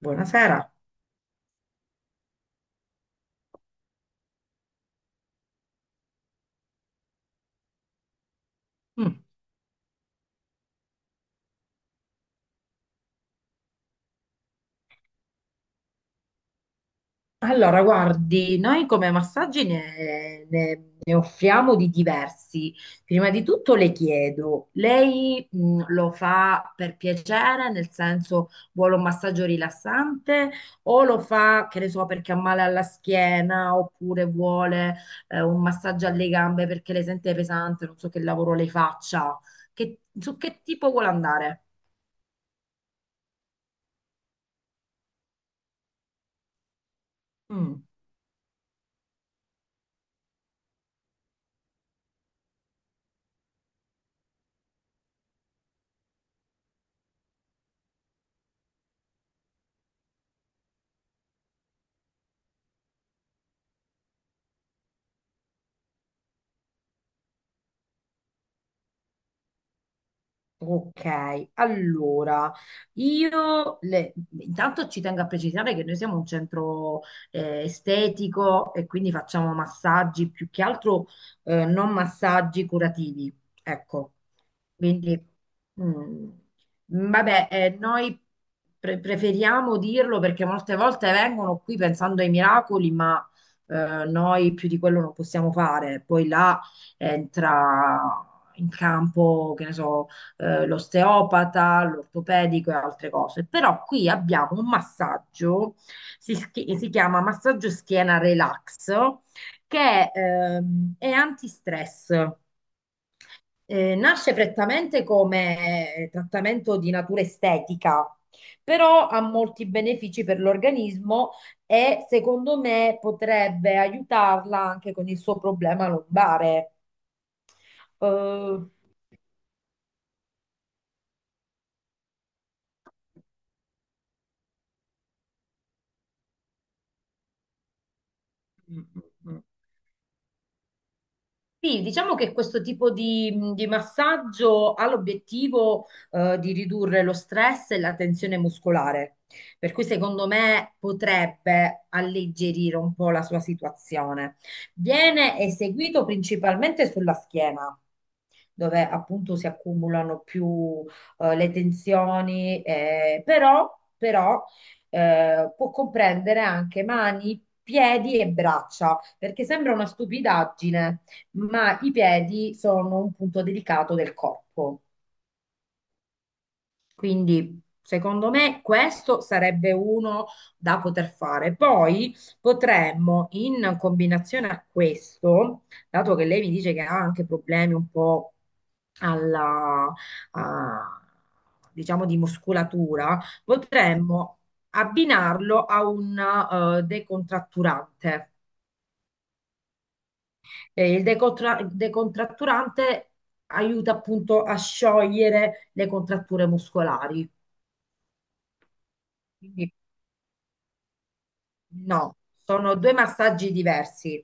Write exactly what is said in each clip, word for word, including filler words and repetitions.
Buonasera. Mm. Allora, guardi, noi come massaggi ne, ne- ne offriamo di diversi. Prima di tutto le chiedo, lei mh, lo fa per piacere, nel senso vuole un massaggio rilassante o lo fa, che ne so, perché ha male alla schiena oppure vuole eh, un massaggio alle gambe perché le sente pesante, non so che lavoro le faccia. Che- su che tipo vuole andare? Mm. Ok, allora io le- intanto ci tengo a precisare che noi siamo un centro eh, estetico e quindi facciamo massaggi più che altro eh, non massaggi curativi, ecco. Quindi, mm, vabbè, eh, noi pre- preferiamo dirlo perché molte volte vengono qui pensando ai miracoli, ma eh, noi più di quello non possiamo fare. Poi là entra in campo, che ne so, eh, l'osteopata, l'ortopedico e altre cose. Però qui abbiamo un massaggio, si, schi- si chiama massaggio schiena relax, che ehm, è antistress. Eh, nasce prettamente come trattamento di natura estetica, però ha molti benefici per l'organismo e secondo me potrebbe aiutarla anche con il suo problema lombare. Eh, Sì, diciamo che questo tipo di, di massaggio ha l'obiettivo eh, di ridurre lo stress e la tensione muscolare, per cui secondo me potrebbe alleggerire un po' la sua situazione. Viene eseguito principalmente sulla schiena, dove appunto si accumulano più eh, le tensioni, eh, però, però, eh, può comprendere anche mani, piedi e braccia perché sembra una stupidaggine, ma i piedi sono un punto delicato del corpo. Quindi, secondo me, questo sarebbe uno da poter fare. Poi potremmo, in combinazione a questo, dato che lei mi dice che ha anche problemi un po' alla, a- diciamo, di muscolatura, potremmo abbinarlo a un eh, decontratturante. Eh, il decontra- decontratturante aiuta appunto a sciogliere le contratture muscolari. Quindi no, sono due massaggi diversi.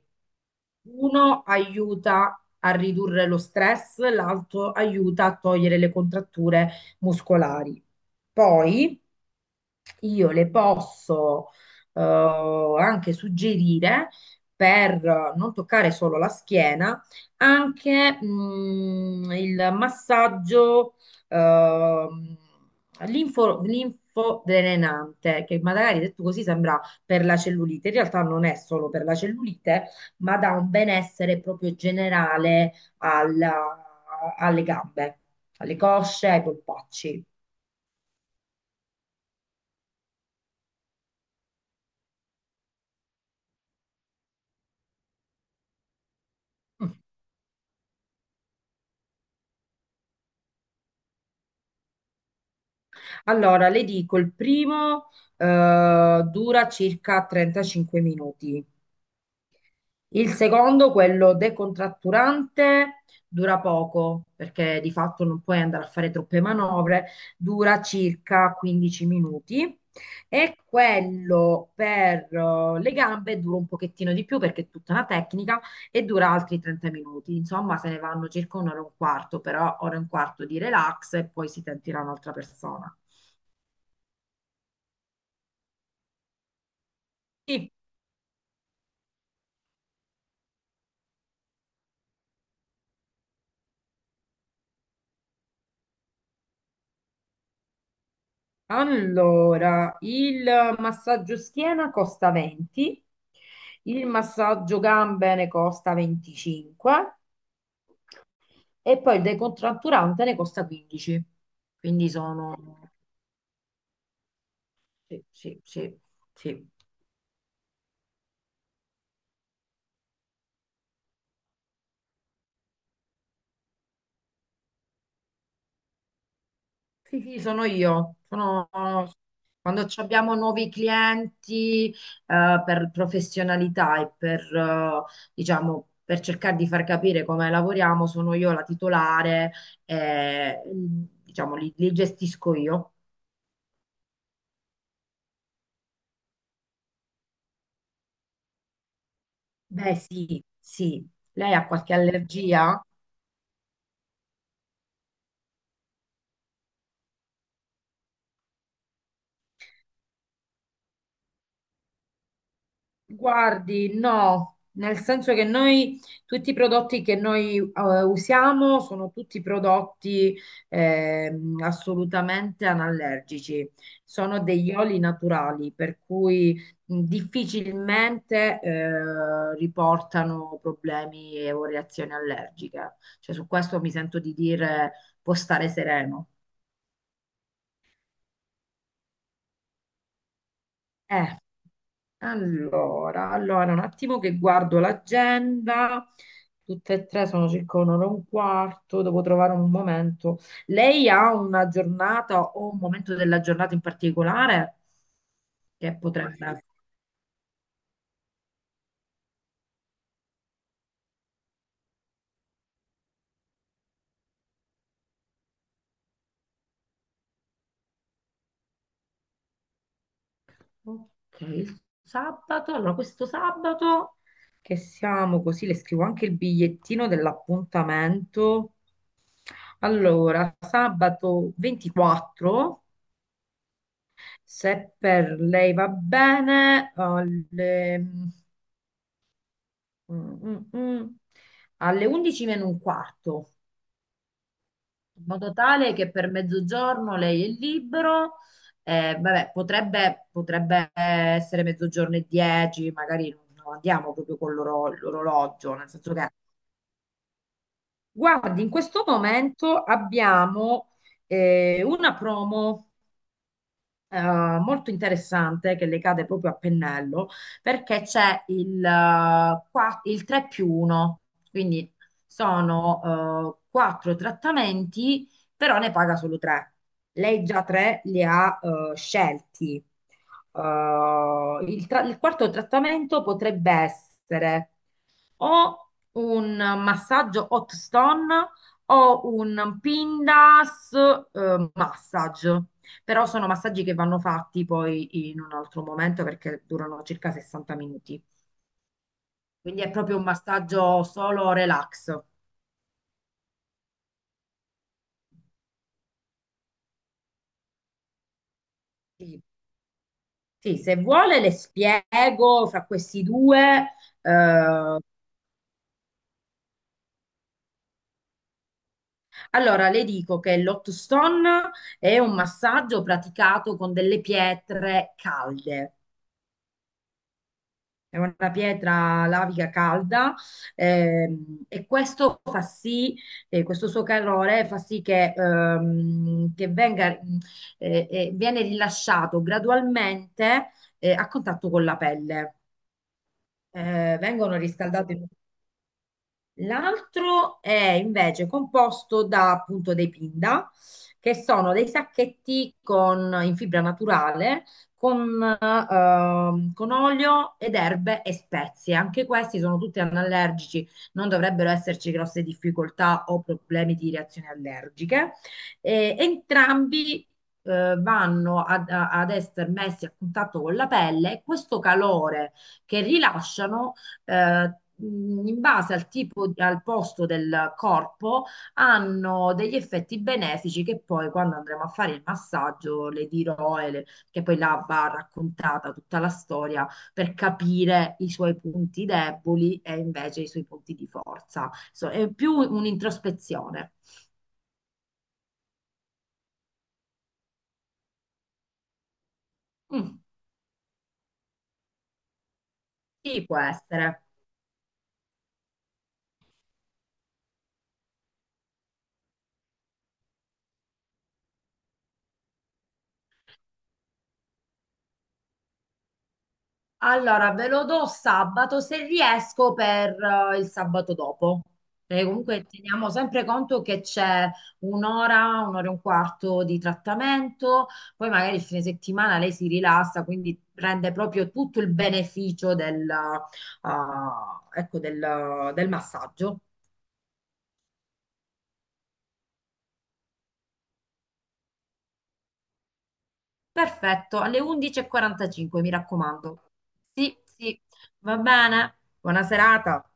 Uno aiuta a ridurre lo stress, l'altro aiuta a togliere le contratture muscolari. Poi io le posso eh, anche suggerire per non toccare solo la schiena, anche mm, il massaggio ehm, linfo, linfodrenante, che magari detto così sembra per la cellulite. In realtà non è solo per la cellulite, ma dà un benessere proprio generale alla- alle gambe, alle cosce, ai polpacci. Allora, le dico, il primo eh, dura circa trentacinque minuti. Il secondo, quello decontratturante, dura poco, perché di fatto non puoi andare a fare troppe manovre, dura circa quindici minuti. E quello per eh, le gambe dura un pochettino di più perché è tutta una tecnica e dura altri trenta minuti. Insomma, se ne vanno circa un'ora e un quarto, però ora e un quarto di relax e poi si sentirà un'altra persona. Sì. Allora, il massaggio schiena costa venti, il massaggio gambe ne costa venticinque e poi il decontratturante ne costa quindici. Quindi sono. Sì, sì, sì, sì. Sì, sì, sono io. Sono- Quando ci abbiamo nuovi clienti, eh, per professionalità e per, eh, diciamo, per cercare di far capire come lavoriamo, sono io la titolare e, diciamo, li, li gestisco io. Beh, sì, sì. Lei ha qualche allergia? Guardi, no, nel senso che noi tutti i prodotti che noi eh, usiamo sono tutti prodotti ehm, assolutamente anallergici, sono degli oli naturali, per cui mh, difficilmente eh, riportano problemi o reazioni allergiche. Cioè, su questo mi sento di dire può stare sereno. Eh. Allora, allora, un attimo che guardo l'agenda. Tutte e tre sono circa un'ora e un quarto, devo trovare un momento. Lei ha una giornata o un momento della giornata in particolare che potrebbe. Ok, il sabato. Allora, questo sabato che siamo così, le scrivo anche il bigliettino dell'appuntamento. Allora, sabato ventiquattro. Se per lei va bene, alle, mm, mm, mm, alle undici meno un quarto, in modo tale che per mezzogiorno lei è libero. Eh, vabbè, potrebbe, potrebbe essere mezzogiorno e dieci, magari non andiamo proprio con l'oro- l'orologio, nel senso che, guardi, in questo momento abbiamo eh, una promo, eh, molto interessante che le cade proprio a pennello perché c'è il, eh, qua- il tre più uno, quindi sono eh, quattro trattamenti, però ne paga solo tre. Lei già tre li ha eh, scelti. Eh, il, tra- il quarto trattamento potrebbe essere o un massaggio hot stone o un Pindas eh, massage. Però sono massaggi che vanno fatti poi in un altro momento perché durano circa sessanta minuti. Quindi è proprio un massaggio solo relax. Sì, sì, se vuole le spiego fra questi due. eh, allora, le dico che l'hot stone è un massaggio praticato con delle pietre calde. È una pietra lavica calda ehm, e questo fa sì, eh, questo suo calore fa sì che, ehm, che venga, mh, eh, eh, viene rilasciato gradualmente eh, a contatto con la pelle. Eh, vengono riscaldate. L'altro è invece composto da appunto dei pinda, che sono dei sacchetti con, in fibra naturale con, ehm, con olio ed erbe e spezie. Anche questi sono tutti anallergici, non dovrebbero esserci grosse difficoltà o problemi di reazioni allergiche. E entrambi eh, vanno ad, ad essere messi a contatto con la pelle e questo calore che rilasciano eh, mh, in base al tipo, di- al posto del corpo, hanno degli effetti benefici che poi quando andremo a fare il massaggio le dirò, e le- che poi là va raccontata tutta la storia per capire i suoi punti deboli e invece i suoi punti di forza. So- è più un'introspezione. Mm, sì, può essere. Allora, ve lo do sabato se riesco per eh, il sabato dopo. Perché comunque teniamo sempre conto che c'è un'ora, un'ora e un quarto di trattamento, poi magari il fine settimana lei si rilassa, quindi prende proprio tutto il beneficio del, eh, ecco, del, del massaggio. Perfetto, alle undici e quarantacinque, mi raccomando. Sì, sì, va bene. Buona serata.